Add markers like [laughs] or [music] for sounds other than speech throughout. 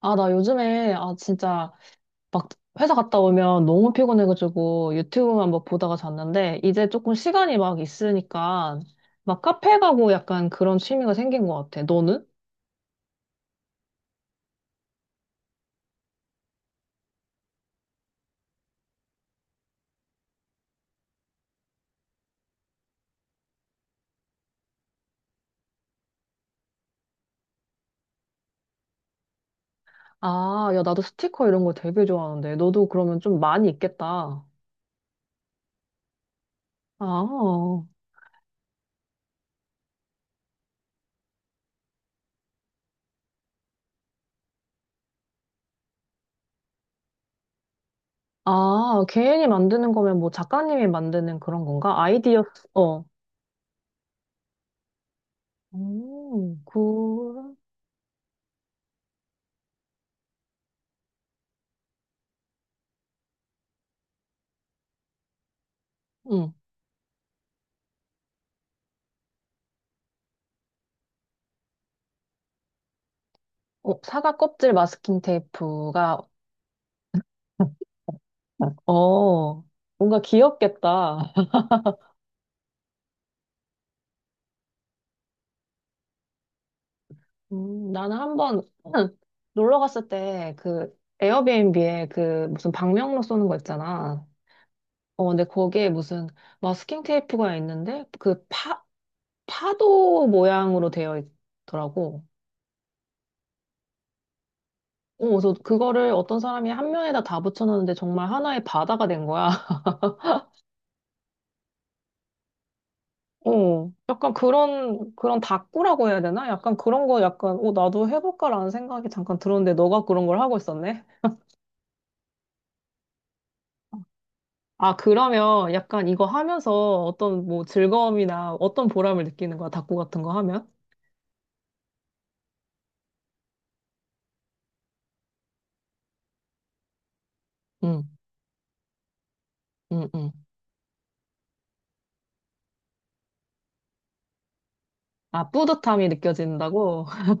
아, 나 요즘에, 아, 진짜, 막, 회사 갔다 오면 너무 피곤해가지고 유튜브만 막 보다가 잤는데, 이제 조금 시간이 막 있으니까, 막 카페 가고 약간 그런 취미가 생긴 것 같아. 너는? 아, 야, 나도 스티커 이런 거 되게 좋아하는데, 너도 그러면 좀 많이 있겠다. 아, 아, 개인이 만드는 거면 뭐 작가님이 만드는 그런 건가? 아이디어, 어. 오 그, 응. 어, 사과 껍질 마스킹 테이프가 어, 뭔가 귀엽겠다. [laughs] 나는 한번 [clears throat] 놀러 갔을 때 그 에어비앤비에 그 무슨 방명록 쏘는 거 있잖아. 어, 근데 거기에 무슨 마스킹 테이프가 있는데 그 파도 모양으로 되어 있더라고. 어, 그래서 그거를 어떤 사람이 한 면에다 다 붙여놨는데 정말 하나의 바다가 된 거야. [laughs] 어, 약간 그런, 그런 다꾸라고 해야 되나? 약간 그런 거 약간, 어, 나도 해볼까라는 생각이 잠깐 들었는데 너가 그런 걸 하고 있었네. 아, 그러면 약간 이거 하면서 어떤 뭐 즐거움이나 어떤 보람을 느끼는 거야? 닭고 같은 거 하면? 응, 응, 응. 아, 뿌듯함이 느껴진다고? [laughs]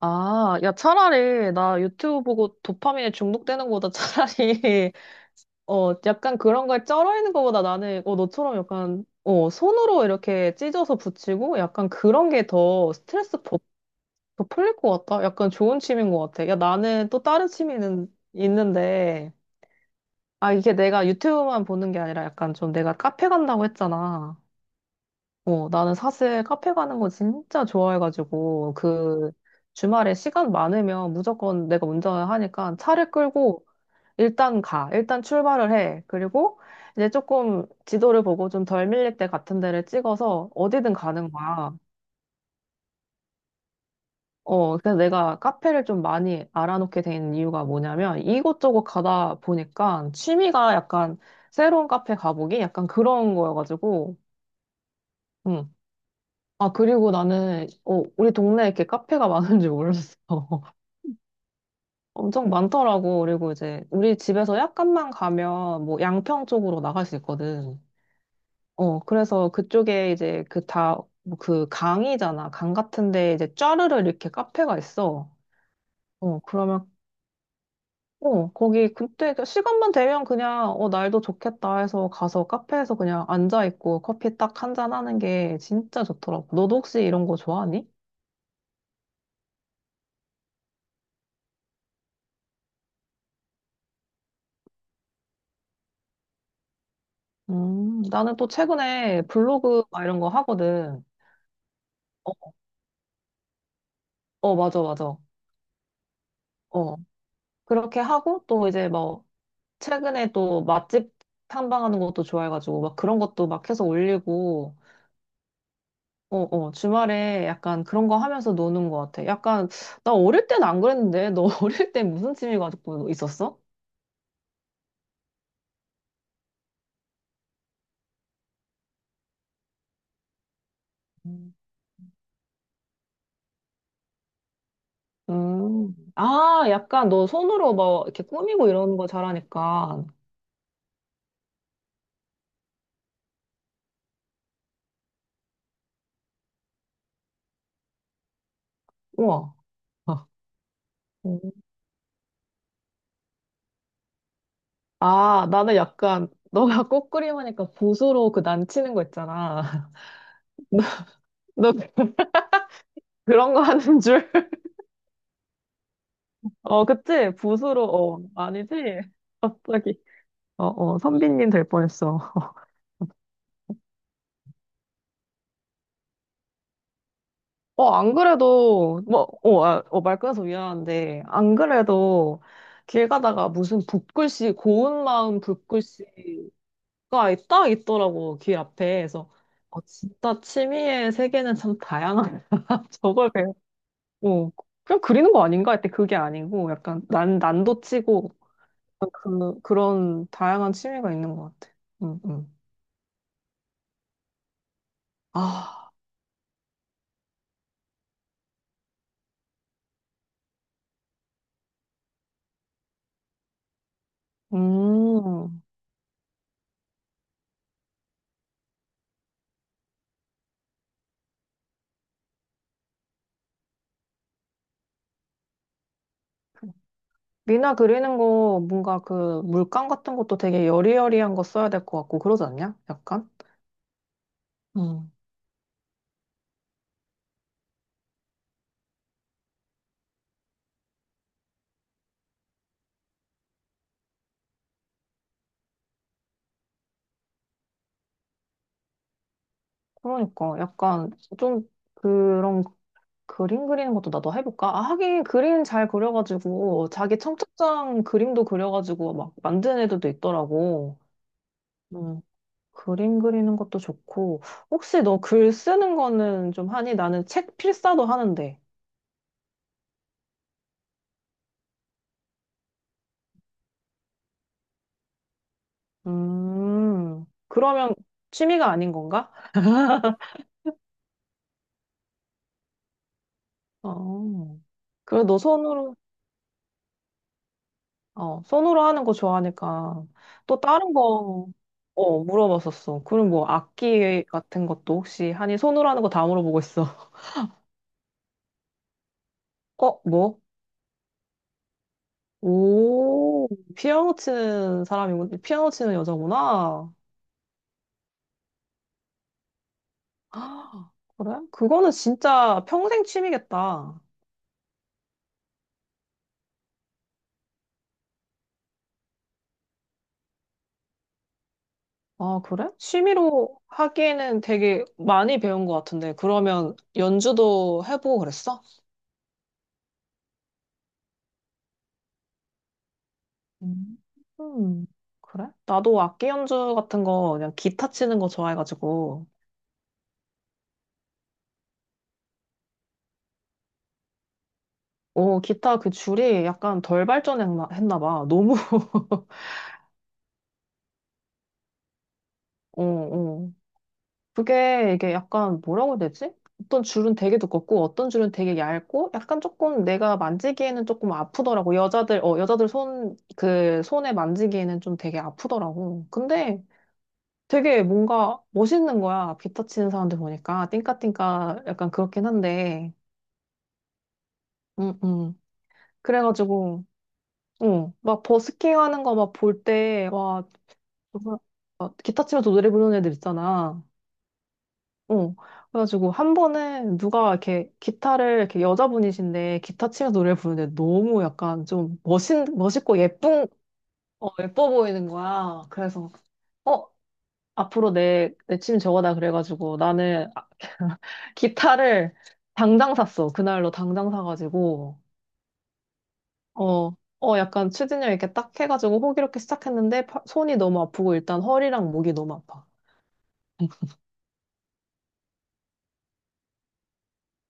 아, 야, 차라리 나 유튜브 보고 도파민에 중독되는 거보다 차라리, [laughs] 어, 약간 그런 거에 쩔어 있는 거보다 나는, 어, 너처럼 약간, 어, 손으로 이렇게 찢어서 붙이고 약간 그런 게 더 스트레스 더, 더 풀릴 것 같다? 약간 좋은 취미인 것 같아. 야, 나는 또 다른 취미는 있는데, 아, 이게 내가 유튜브만 보는 게 아니라 약간 좀 내가 카페 간다고 했잖아. 어, 나는 사실 카페 가는 거 진짜 좋아해가지고, 그 주말에 시간 많으면 무조건 내가 운전을 하니까 차를 끌고 일단 가. 일단 출발을 해. 그리고 이제 조금 지도를 보고 좀 덜 밀릴 때 같은 데를 찍어서 어디든 가는 거야. 어, 그래서 내가 카페를 좀 많이 알아놓게 된 이유가 뭐냐면 이곳저곳 가다 보니까 취미가 약간 새로운 카페 가보기 약간 그런 거여가지고, 응. 아, 그리고 나는, 어, 우리 동네에 이렇게 카페가 [laughs] 많은 줄 몰랐어. [laughs] 엄청 많더라고. 그리고 이제 우리 집에서 약간만 가면 뭐 양평 쪽으로 나갈 수 있거든. 어, 그래서 그쪽에 이제 그 다, 뭐그 강이잖아. 강 같은데 이제 쫘르르 이렇게 카페가 있어. 어, 그러면 어, 거기 그때 그 시간만 되면 그냥 어, 날도 좋겠다 해서 가서 카페에서 그냥 앉아 있고 커피 딱 한잔 하는 게 진짜 좋더라고. 너도 혹시 이런 거 좋아하니? 나는 또 최근에 블로그 막 이런 거 하거든. 어, 어, 맞아, 맞아. 어, 그렇게 하고 또 이제 뭐 최근에 또 맛집 탐방하는 것도 좋아해가지고 막 그런 것도 막 해서 올리고 어, 어, 주말에 약간 그런 거 하면서 노는 것 같아. 약간, 나 어릴 땐 안 그랬는데, 너 [laughs] 어릴 때 무슨 취미 가지고 있었어? 음. 음. 아, 약간 너 손으로 막 이렇게 꾸미고 이러는 거 잘하니까. 우와. 어. 음. 아, 나는 약간, 너가 꽃그림 하니까 붓으로 그 난치는 거 있잖아. [laughs] 너 그- 그런 거 하는 줄? 어, 그치? 붓으로, 어, 아니지? [laughs] 갑자기. 어, 어, 선비님 될 뻔했어. 어, 안 그래도, 뭐, 어, 아, 어, 말 끊어서 미안한데, 안 그래도 길 가다가 무슨 붓글씨, 고운 마음 붓글씨가 딱 있더라고, 길 앞에. 그래서, 어, 진짜 취미의 세계는 참 다양하다. [laughs] 저걸 배웠고, 그냥 그리는 거 아닌가 했더니 그게 아니고, 약간 난도 치고, 그, 그런 다양한 취미가 있는 것 같아. 응, 응. 아, 음. 미나 그리는 거 뭔가 그 물감 같은 것도 되게 여리여리한 거 써야 될 것 같고 그러지 않냐? 약간? 음. 그러니까 약간 좀 그런 그림 그리는 것도 나도 해볼까? 아, 하긴 그림 잘 그려가지고 자기 청첩장 그림도 그려가지고 막 만드는 애들도 있더라고. 음. 그림 그리는 것도 좋고 혹시 너 글 쓰는 거는 좀 하니? 나는 책 필사도 하는데. 그러면 취미가 아닌 건가? 어. 그래, 너 손으로 어, 손으로 하는 거 좋아하니까 또 다른 거 어, 물어봤었어. 그럼 뭐 악기 같은 것도 혹시 하니 손으로 하는 거 다 물어보고 있어. [laughs] 어, 뭐? 오, 피아노 치는 사람이고 피아노 치는 여자구나. [gasps] 아, 그래? 그거는 진짜 평생 취미겠다. 아, 그래? 취미로 하기에는 되게 많이 배운 것 같은데. 그러면 연주도 해보고 그랬어? 음, 음, 그래? 나도 악기 연주 같은 거 그냥 기타 치는 거 좋아해가지고 어 기타 그 줄이 약간 덜 발전했나 했나 봐. 너무 [laughs] 어, 어. 그게 이게 약간 뭐라고 해야 되지? 어떤 줄은 되게 두껍고 어떤 줄은 되게 얇고 약간 조금 내가 만지기에는 조금 아프더라고. 여자들 어 여자들 손 그 손에 만지기에는 좀 되게 아프더라고. 근데 되게 뭔가 멋있는 거야. 기타 치는 사람들 보니까 띵까띵까 약간 그렇긴 한데 응, 응. 그래가지고, 응, 막 버스킹 하는 거 막 볼 때, 와, 정말, 막 기타 치면서 노래 부르는 애들 있잖아. 응. 그래가지고 한 번은 누가 이렇게 기타를, 이렇게 여자분이신데 기타 치면서 노래 부르는데 너무 약간 좀 멋있고 예쁜, 어, 예뻐 보이는 거야. 그래서, 어, 앞으로 내 취미 저거다. 그래가지고 나는 아, [laughs] 기타를 당장 샀어. 그날로 당장 사가지고. 어, 어, 약간 추진력 이렇게 딱 해가지고 호기롭게 시작했는데 손이 너무 아프고 일단 허리랑 목이 너무 아파.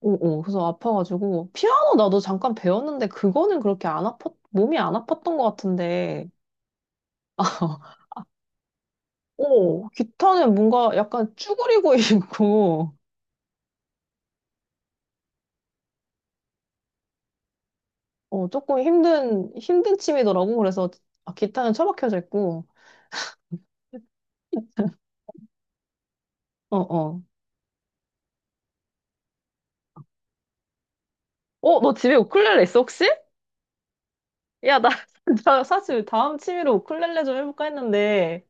어, 어, 그래서 아파가지고 피아노 나도 잠깐 배웠는데 그거는 그렇게 안 아팠, 몸이 안 아팠던 것 같은데. [laughs] 어, 기타는 뭔가 약간 쭈그리고 [laughs] 있고, 어, 조금 힘든 춤이더라고. 그래서 아, 기타는 처박혀져 있고, [laughs] 어, 어. 어, 너 집에 우쿨렐레 있어, 혹시? 야, 나, [laughs] 나 사실 다음 취미로 우쿨렐레 좀 해볼까 했는데,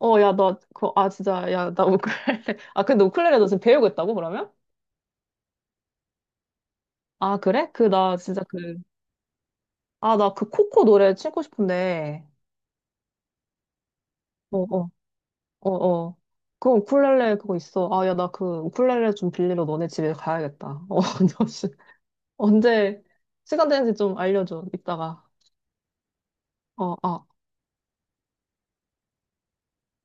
어, 야, 나, 그, 아, 진짜, 야, 나 우쿨렐레. [laughs] 아, 근데 우쿨렐레 너 지금 배우고 있다고, 그러면? 아, 그래? 그, 나 진짜 그, 아, 나 그 코코 노래 치고 싶은데. 어, 어, 어, 어. 그 우쿨렐레 그거 있어. 아, 야, 나 그 우쿨렐레 좀 빌리러 너네 집에 가야겠다. 어, [laughs] 너 씨, 언제 시간 되는지 좀 알려줘, 이따가. 어, 아,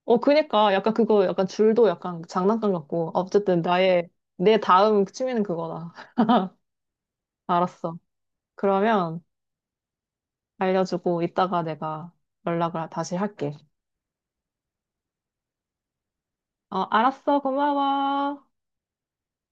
어, 그니까, 약간 그거, 약간 줄도 약간 장난감 같고. 아, 어쨌든, 나의, 내 다음 취미는 그거다. [laughs] 알았어. 그러면, 알려주고 이따가 내가 연락을 다시 할게. 어, 알았어. 고마워.